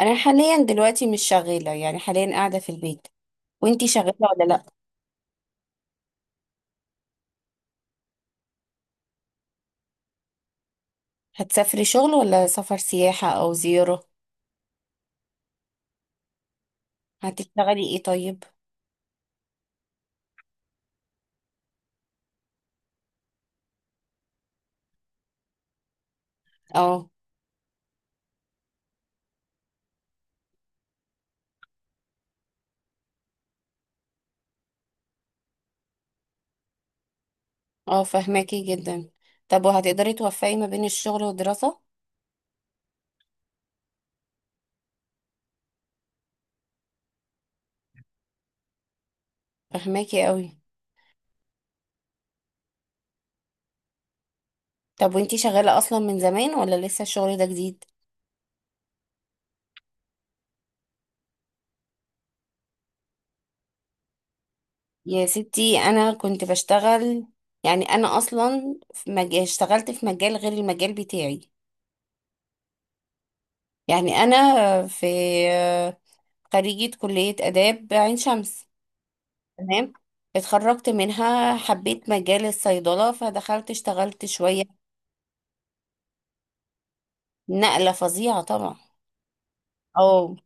انا حاليا دلوقتي مش شغاله، يعني حاليا قاعده في البيت. وانتي شغاله ولا لا؟ هتسافري شغل ولا سفر سياحه او زياره؟ هتشتغلي ايه طيب؟ اه اه، فهماكي جدا. طب وهتقدري توفقي ما بين الشغل والدراسه؟ فهماكي قوي. طب وانتي شغاله اصلا من زمان ولا لسه الشغل ده جديد؟ يا ستي انا كنت بشتغل. يعني انا اصلا اشتغلت في مجال غير المجال بتاعي. يعني انا في خريجه كليه اداب عين شمس. تمام، اتخرجت منها، حبيت مجال الصيدلة فدخلت اشتغلت شوية. نقلة فظيعة طبعا. اه،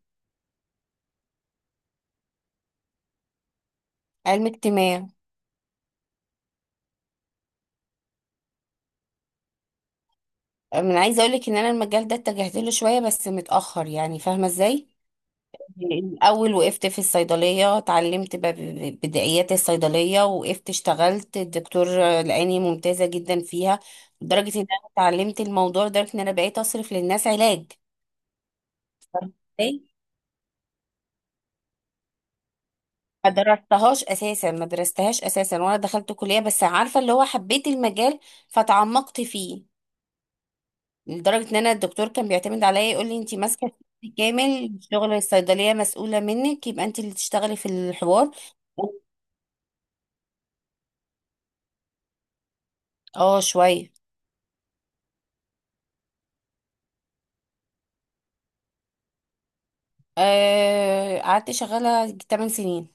علم اجتماع. من عايزة اقولك ان انا المجال ده اتجهت له شوية بس متأخر، يعني فاهمة ازاي. الاول وقفت في الصيدلية اتعلمت بدائيات الصيدلية، وقفت اشتغلت الدكتور لقاني ممتازة جدا فيها. لدرجة ان انا اتعلمت الموضوع، لدرجة ان انا بقيت اصرف للناس علاج. فاهمة ازاي؟ ما درستهاش اساسا، ما درستهاش اساسا، وانا دخلت كليه بس عارفه اللي هو حبيت المجال فتعمقت فيه. لدرجه ان انا الدكتور كان بيعتمد عليا، يقول لي انت ماسكه الشيفت كامل، شغل الصيدليه مسؤوله منك، يبقى انت اللي تشتغلي في الحوار. اه شويه. قعدت شغاله 8 سنين.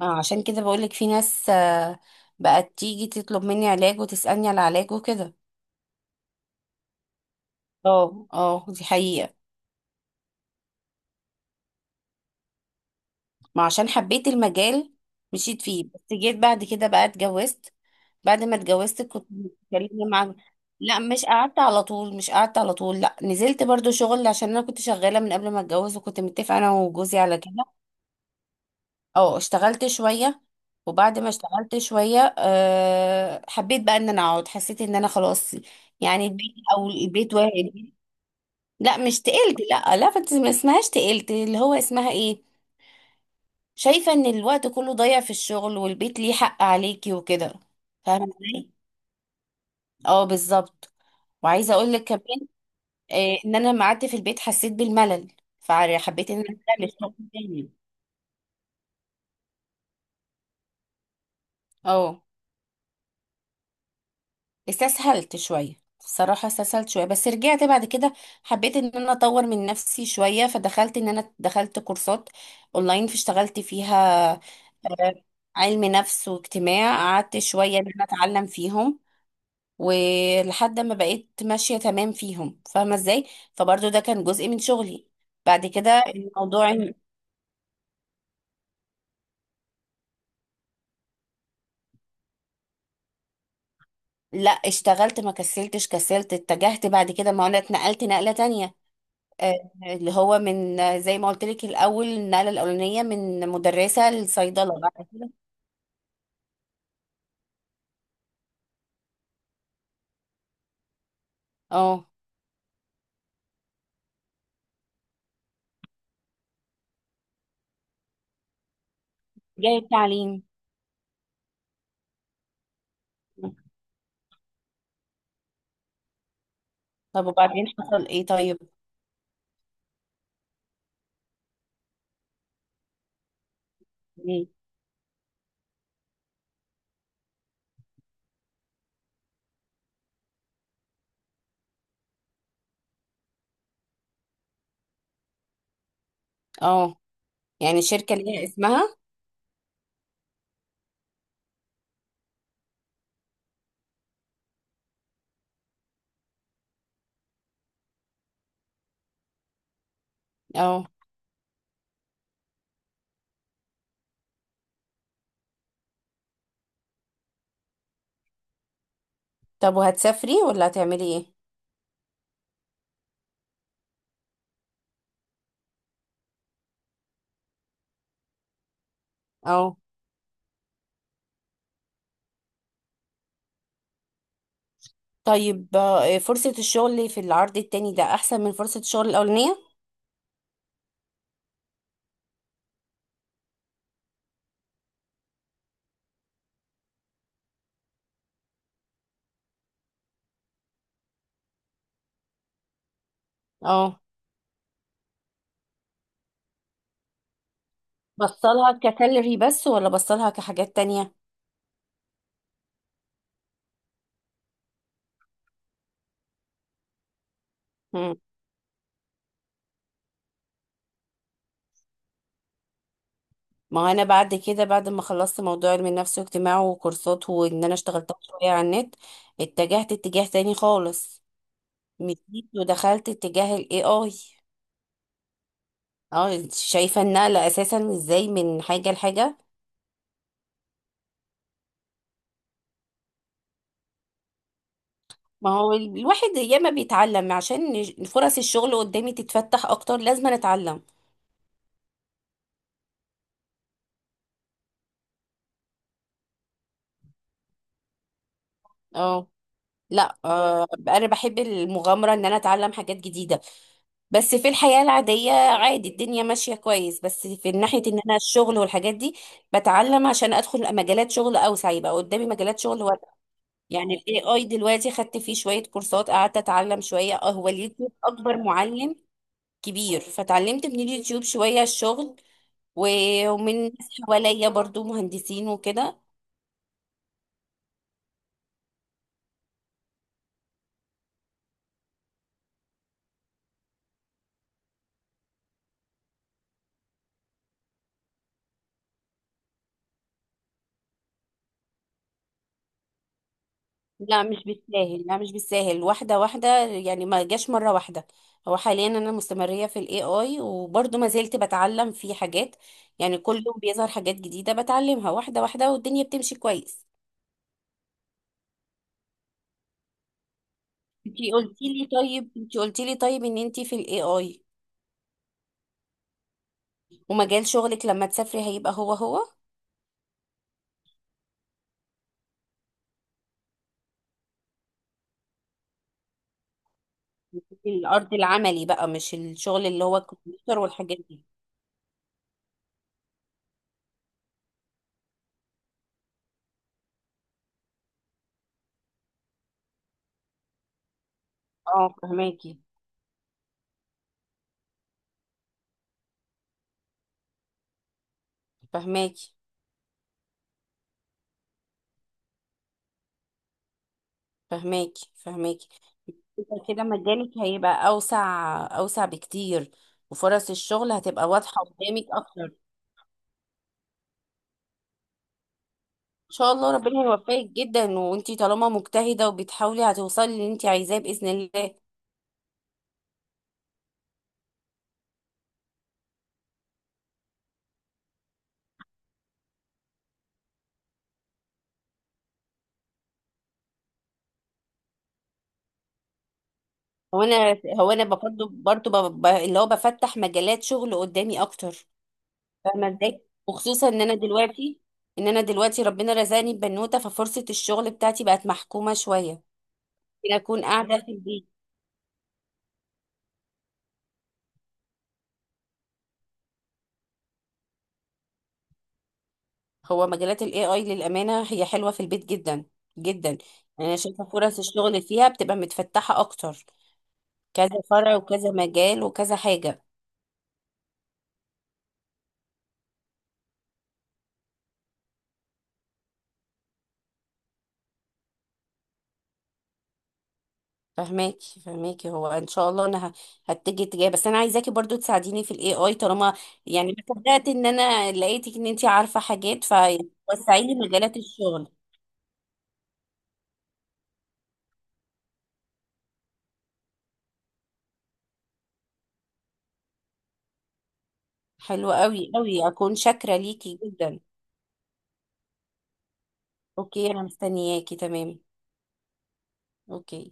عشان كده بقولك في ناس، بقت تيجي تطلب مني علاج وتسالني على علاج وكده. اه اه، دي حقيقه. ما عشان حبيت المجال مشيت فيه، بس جيت بعد كده بقى اتجوزت. بعد ما اتجوزت كنت بتكلمي مع. لا مش قعدت على طول، مش قعدت على طول، لا نزلت برضو شغل عشان انا كنت شغالة من قبل ما اتجوز، وكنت متفقة انا وجوزي على كده. اه اشتغلت شوية. وبعد ما اشتغلت شوية أه حبيت بقى ان انا اقعد، حسيت ان انا خلاص. يعني البيت او البيت واحد. لا مش تقلت، لا لا، ما اسمهاش تقلت، اللي هو اسمها ايه؟ شايفة ان الوقت كله ضايع في الشغل، والبيت ليه حق عليكي وكده. فاهمة ازاي؟ اه بالظبط. وعايزة اقول لك كمان، ان انا لما قعدت في البيت حسيت بالملل، فحبيت ان انا ارجع للشغل تاني. اه استسهلت شوية الصراحة، استسهلت شوية بس رجعت بعد كده. حبيت ان انا اطور من نفسي شوية، فدخلت ان انا دخلت كورسات اونلاين فاشتغلت فيها. آه، علم نفس واجتماع، قعدت شوية ان انا اتعلم فيهم ولحد ما بقيت ماشية تمام فيهم. فاهمة ازاي؟ فبرضو ده كان جزء من شغلي. بعد كده لا اشتغلت، ما كسلتش كسلت، اتجهت بعد كده، ما انا اتنقلت نقلة تانية. آه، اللي هو من، زي ما قلت لك الاول، النقلة الاولانية من مدرسة لصيدلة، بعد كده اه جاية تعليم. طب وبعدين حصل ايه طيب؟ مم. اه، يعني الشركة ليها اسمها. اه طب وهتسافري ولا هتعملي ايه؟ اه طيب، فرصة الشغل في العرض التاني ده أحسن من فرصة الشغل الأولانية؟ اه بصلها كسالري بس ولا بصلها كحاجات تانية؟ مم. ما هو أنا بعد كده، بعد ما خلصت موضوع علم النفس واجتماع وكورسات، وإن أنا اشتغلتها شوية على النت، اتجهت اتجاه تاني خالص. مشيت ودخلت اتجاه ال AI. اه انت شايفة النقلة أساسا ازاي من حاجة لحاجة؟ ما هو الواحد ياما بيتعلم، عشان فرص الشغل قدامي تتفتح أكتر لازم أنا أتعلم. اه لا آه، انا بحب المغامره ان انا اتعلم حاجات جديده. بس في الحياه العاديه عادي الدنيا ماشيه كويس، بس في ناحيه ان انا الشغل والحاجات دي بتعلم عشان ادخل مجالات شغل اوسع، يبقى قدامي مجالات شغل واسعه. يعني الاي اي دلوقتي خدت فيه شويه كورسات، قعدت اتعلم شويه، اه هو اليوتيوب اكبر معلم كبير، فتعلمت من اليوتيوب شويه الشغل، ومن ناس حواليا برضو مهندسين وكده. لا مش بالساهل، لا مش بالساهل، واحدة واحدة، يعني ما جاش مرة واحدة. هو حاليا أنا مستمرية في ال AI وبرضه ما زلت بتعلم فيه حاجات. يعني كل يوم بيظهر حاجات جديدة بتعلمها واحدة واحدة، والدنيا بتمشي كويس. انتي قلتي لي طيب، انتي قلتي لي طيب ان انتي في ال AI، ومجال شغلك لما تسافري هيبقى هو هو. الأرض العملي بقى، مش الشغل اللي هو الكمبيوتر والحاجات دي. اه فهماكي، فهماكي، فهماكي، فهماكي. يبقى كده مجالك هيبقى أوسع، أوسع بكتير، وفرص الشغل هتبقى واضحة قدامك أكتر. إن شاء الله ربنا يوفقك جدا، وانتي طالما مجتهدة وبتحاولي هتوصلي اللي انتي عايزاه بإذن الله. هو أنا، هو أنا برضه برضه اللي هو بفتح مجالات شغل قدامي أكتر. فاهمة ازاي؟ وخصوصا إن أنا دلوقتي، إن أنا دلوقتي ربنا رزقني ببنوتة، ففرصة الشغل بتاعتي بقت محكومة شوية. ممكن أكون قاعدة في البيت. هو مجالات الاي اي للامانه هي حلوه في البيت جدا جدا، يعني انا شايفه فرص الشغل فيها بتبقى متفتحه اكتر. كذا فرع وكذا مجال وكذا حاجه. فهماكي فهماكي، هو ان شاء الله هتجي اتجاه، بس انا عايزاكي برضو تساعديني في الاي اي طالما، يعني ما صدقت ان انا لقيتك ان انت عارفه حاجات، فوسعي لي مجالات الشغل. حلو قوي قوي، اكون شاكره ليكي جدا. اوكي انا مستنياكي. تمام، اوكي.